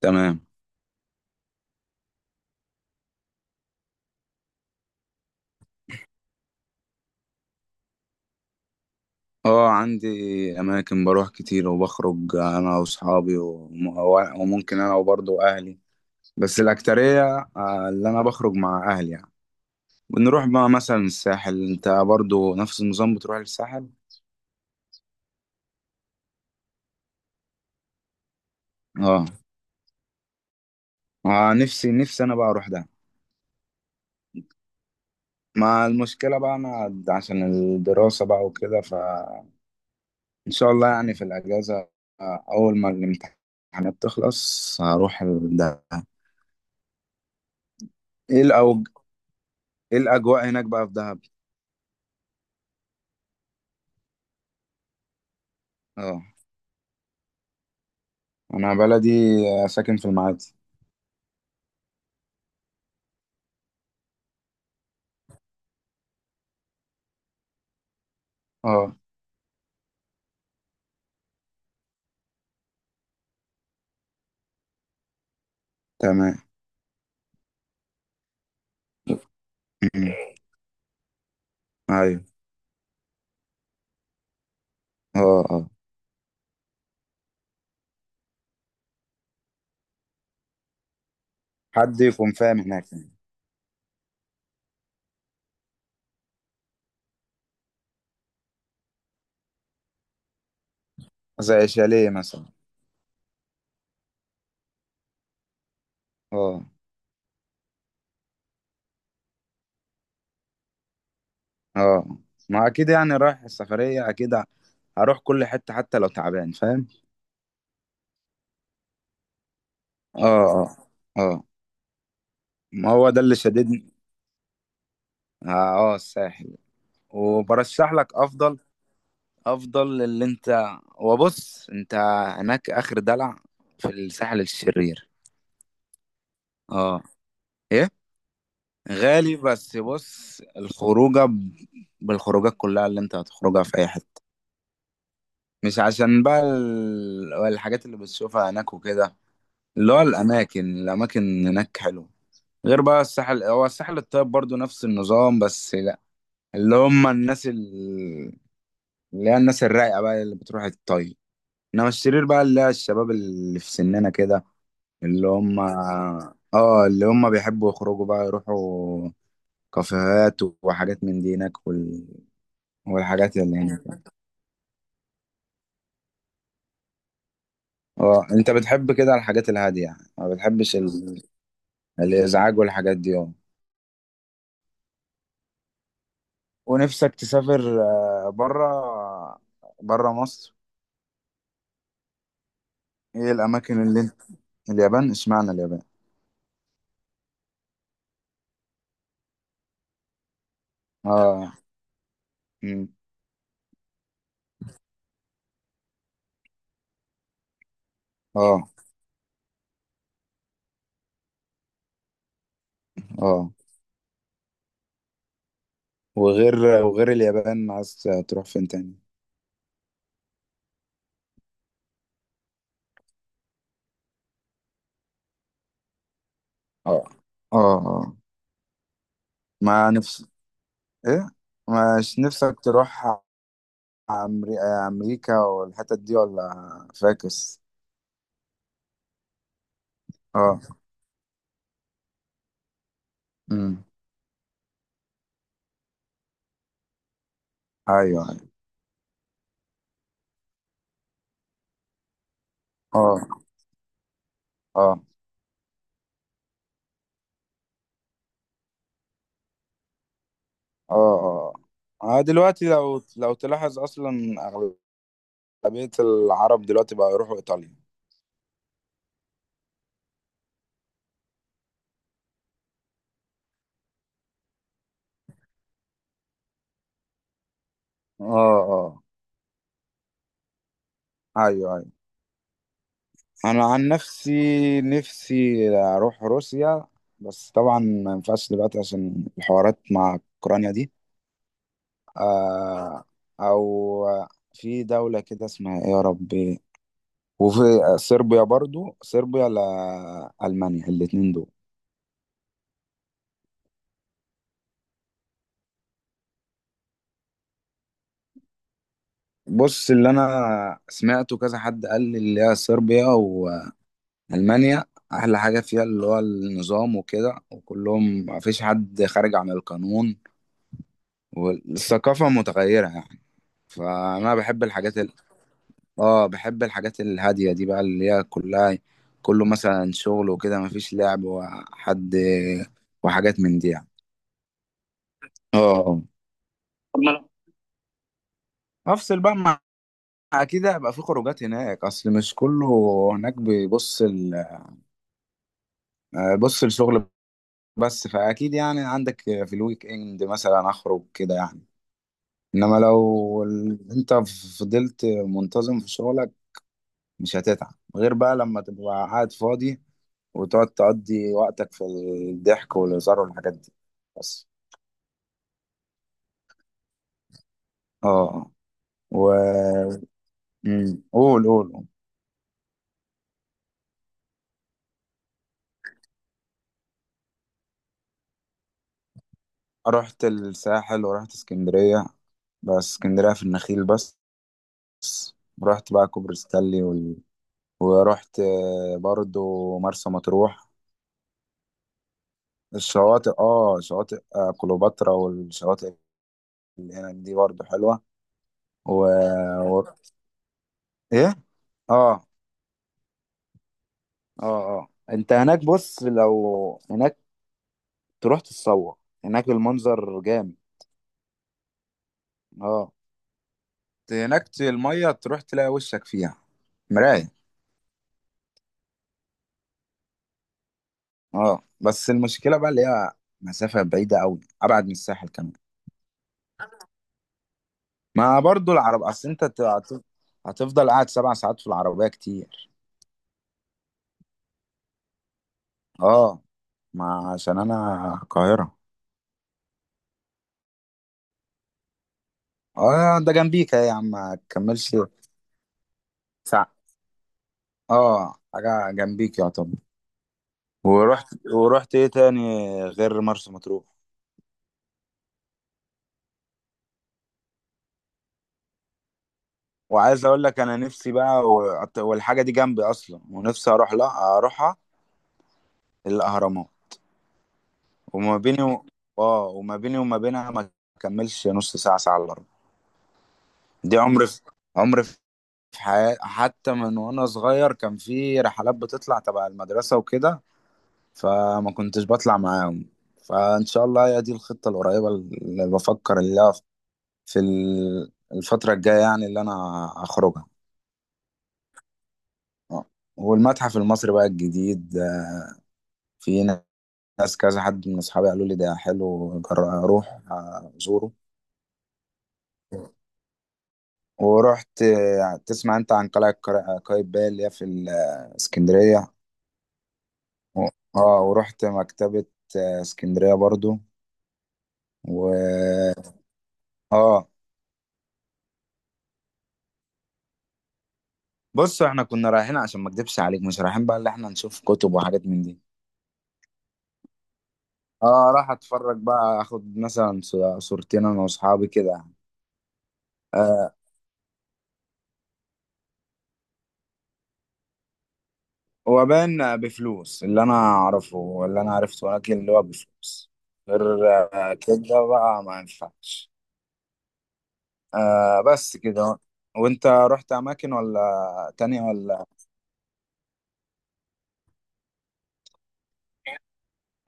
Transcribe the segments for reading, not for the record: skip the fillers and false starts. تمام. اه، عندي اماكن بروح كتير وبخرج انا واصحابي وممكن انا وبرضه اهلي، بس الاكترية اللي انا بخرج مع اهلي يعني. بنروح بقى مثلا الساحل. انت برضه نفس النظام، بتروح للساحل؟ اه، نفسي نفسي انا بقى اروح ده. مع المشكلة بقى انا عشان الدراسة بقى وكده، فان شاء الله يعني في الاجازة. اول ما الامتحانات تخلص هروح ده. ايه الأوج... ايه الاجواء هناك بقى في دهب؟ اه، انا بلدي ساكن في المعادي. اه، تمام. أمم. ايوه، اه، اه، حد يكون فاهم هناك يعني. زي شاليه مثلا. اه، اه، ما اكيد يعني رايح السفرية، اكيد هروح كل حتة حتى لو تعبان فاهم. اه، اه، اه، ما هو ده اللي شددني. اه، الساحل. وبرشح لك افضل، افضل اللي انت، وبص انت هناك اخر دلع في الساحل الشرير. اه، ايه، غالي بس بص بالخروجات كلها اللي انت هتخرجها في اي حتة. مش عشان بقى الحاجات اللي بتشوفها هناك وكده، اللي هو الاماكن، الاماكن هناك حلوة. غير بقى الساحل، هو الساحل الطيب برضو نفس النظام، بس لا، اللي هم الناس ال- اللي هي الناس الرايقة بقى اللي بتروح الطيب. انما الشرير بقى اللي هي الشباب اللي في سننا كده. اللي هم اه، اللي هم بيحبوا يخرجوا بقى، يروحوا كافيهات وحاجات من دي هناك، والحاجات اللي هنا. اه، انت بتحب كده الحاجات الهادية يعني، ما بتحبش الازعاج والحاجات دي، اه. ونفسك تسافر بره، بره مصر. ايه الاماكن اللي انت اليابان، اشمعنى اليابان؟ اه. مم. اه، اه، وغير وغير اليابان عايز تروح فين تاني؟ اه، اه، اه، ما نفس ايه، مش نفسك تروح امريكا والحتت دي ولا فاكس؟ اه، امم، ايوه، ايوه، أه، اه، اه، اه، دلوقتي لو تلاحظ اصلا اغلبيه العرب دلوقتي بقى يروحوا ايطاليا. اه، اه، ايوه، ايوه، انا عن نفسي، نفسي اروح روسيا، بس طبعا ما ينفعش دلوقتي عشان الحوارات مع اوكرانيا دي. آه او، في دولة كده اسمها ايه يا ربي؟ وفي صربيا، برضو صربيا، لألمانيا، الاتنين دول. بص، اللي انا سمعته كذا حد قال لي، اللي هي صربيا، ألمانيا، أحلى حاجة فيها اللي هو النظام وكده، وكلهم مفيش حد خارج عن القانون، والثقافة متغيرة يعني. فأنا بحب آه، بحب الحاجات الهادية دي بقى، اللي هي كلها كله مثلا شغل وكده، مفيش لعب وحد وحاجات من دي يعني. آه، طب ما أنا- أفصل بقى مع، أكيد هيبقى في خروجات هناك، أصل مش كله هناك بيبص بص، الشغل. بس فأكيد يعني عندك في الويك إند مثلا أخرج كده يعني. انما لو انت فضلت منتظم في شغلك، مش هتتعب غير بقى لما تبقى قاعد فاضي وتقعد تقضي وقتك في الضحك والهزار والحاجات دي. بس، اه، آه. و، مم. قول، قول، قول. رحت الساحل ورحت اسكندرية، بس اسكندرية في النخيل بس. رحت بقى كوبري ستانلي ورحت برضو مرسى مطروح. الشواطئ اه شواطئ كليوباترا، والشواطئ هناك دي برضو حلوة. و... و... ايه اه، اه، اه، انت هناك، بص، لو هناك تروح تتصور، هناك المنظر جامد. اه، المية تروح تلاقي وشك فيها مراية. اه، بس المشكلة بقى اللي هي مسافة بعيدة أوي، أبعد من الساحل كمان. ما برضو العرب، أصل أنت هتفضل قاعد 7 ساعات في العربية كتير. اه، ما عشان أنا القاهرة. اه، ده جنبيك أهي يا عم، ما تكملش ساعة. اه، حاجة جنبيك يعتبر. ورحت ايه تاني غير مرسى مطروح؟ وعايز اقول لك انا نفسي بقى والحاجه دي جنبي اصلا، ونفسي اروح، لا اروحها، الاهرامات. وما بيني و... اه، وما بيني وما بينها ما كملش نص ساعه، ساعه الا ربع. دي عمري في حياتي، حتى من وانا صغير كان في رحلات بتطلع تبع المدرسه وكده، فما كنتش بطلع معاهم. فان شاء الله هي دي الخطه القريبه اللي بفكر في الفتره الجايه يعني اللي انا اخرجها. آه. والمتحف المصري بقى الجديد، في ناس، كذا حد من اصحابي قالوا لي ده حلو، اروح ازوره. ورحت، تسمع انت عن قلعة قايتباي، اللي هي في اسكندرية؟ و- اه، ورحت مكتبة اسكندرية برضو. و، اه، بص احنا كنا رايحين عشان ما اكدبش عليك، مش رايحين بقى اللي احنا نشوف كتب وحاجات من دي. اه، راح اتفرج بقى، اخد مثلا صورتين انا واصحابي كده. آه، هو باين بفلوس، اللي انا اعرفه، اللي انا عرفته، ولكن اللي هو بفلوس غير، كده بقى ما ينفعش. آه، بس كده. وانت رحت اماكن ولا تانية ولا؟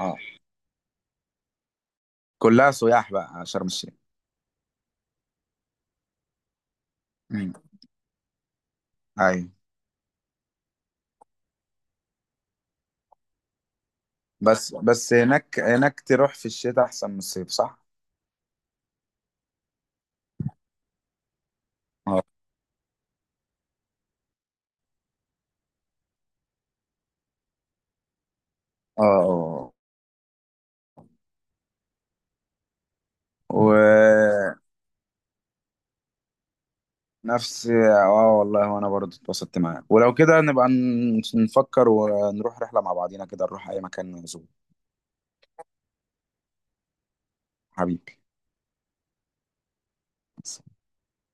آه. كلها سياح بقى شرم الشيخ. امم، ايوه. بس هناك تروح في الشتاء احسن من الصيف صح؟ اه، اه، ونفس اه، والله وانا برضه اتبسطت معاك، ولو كده نبقى نفكر ونروح رحلة مع بعضينا كده، نروح اي مكان نزور. حبيبي.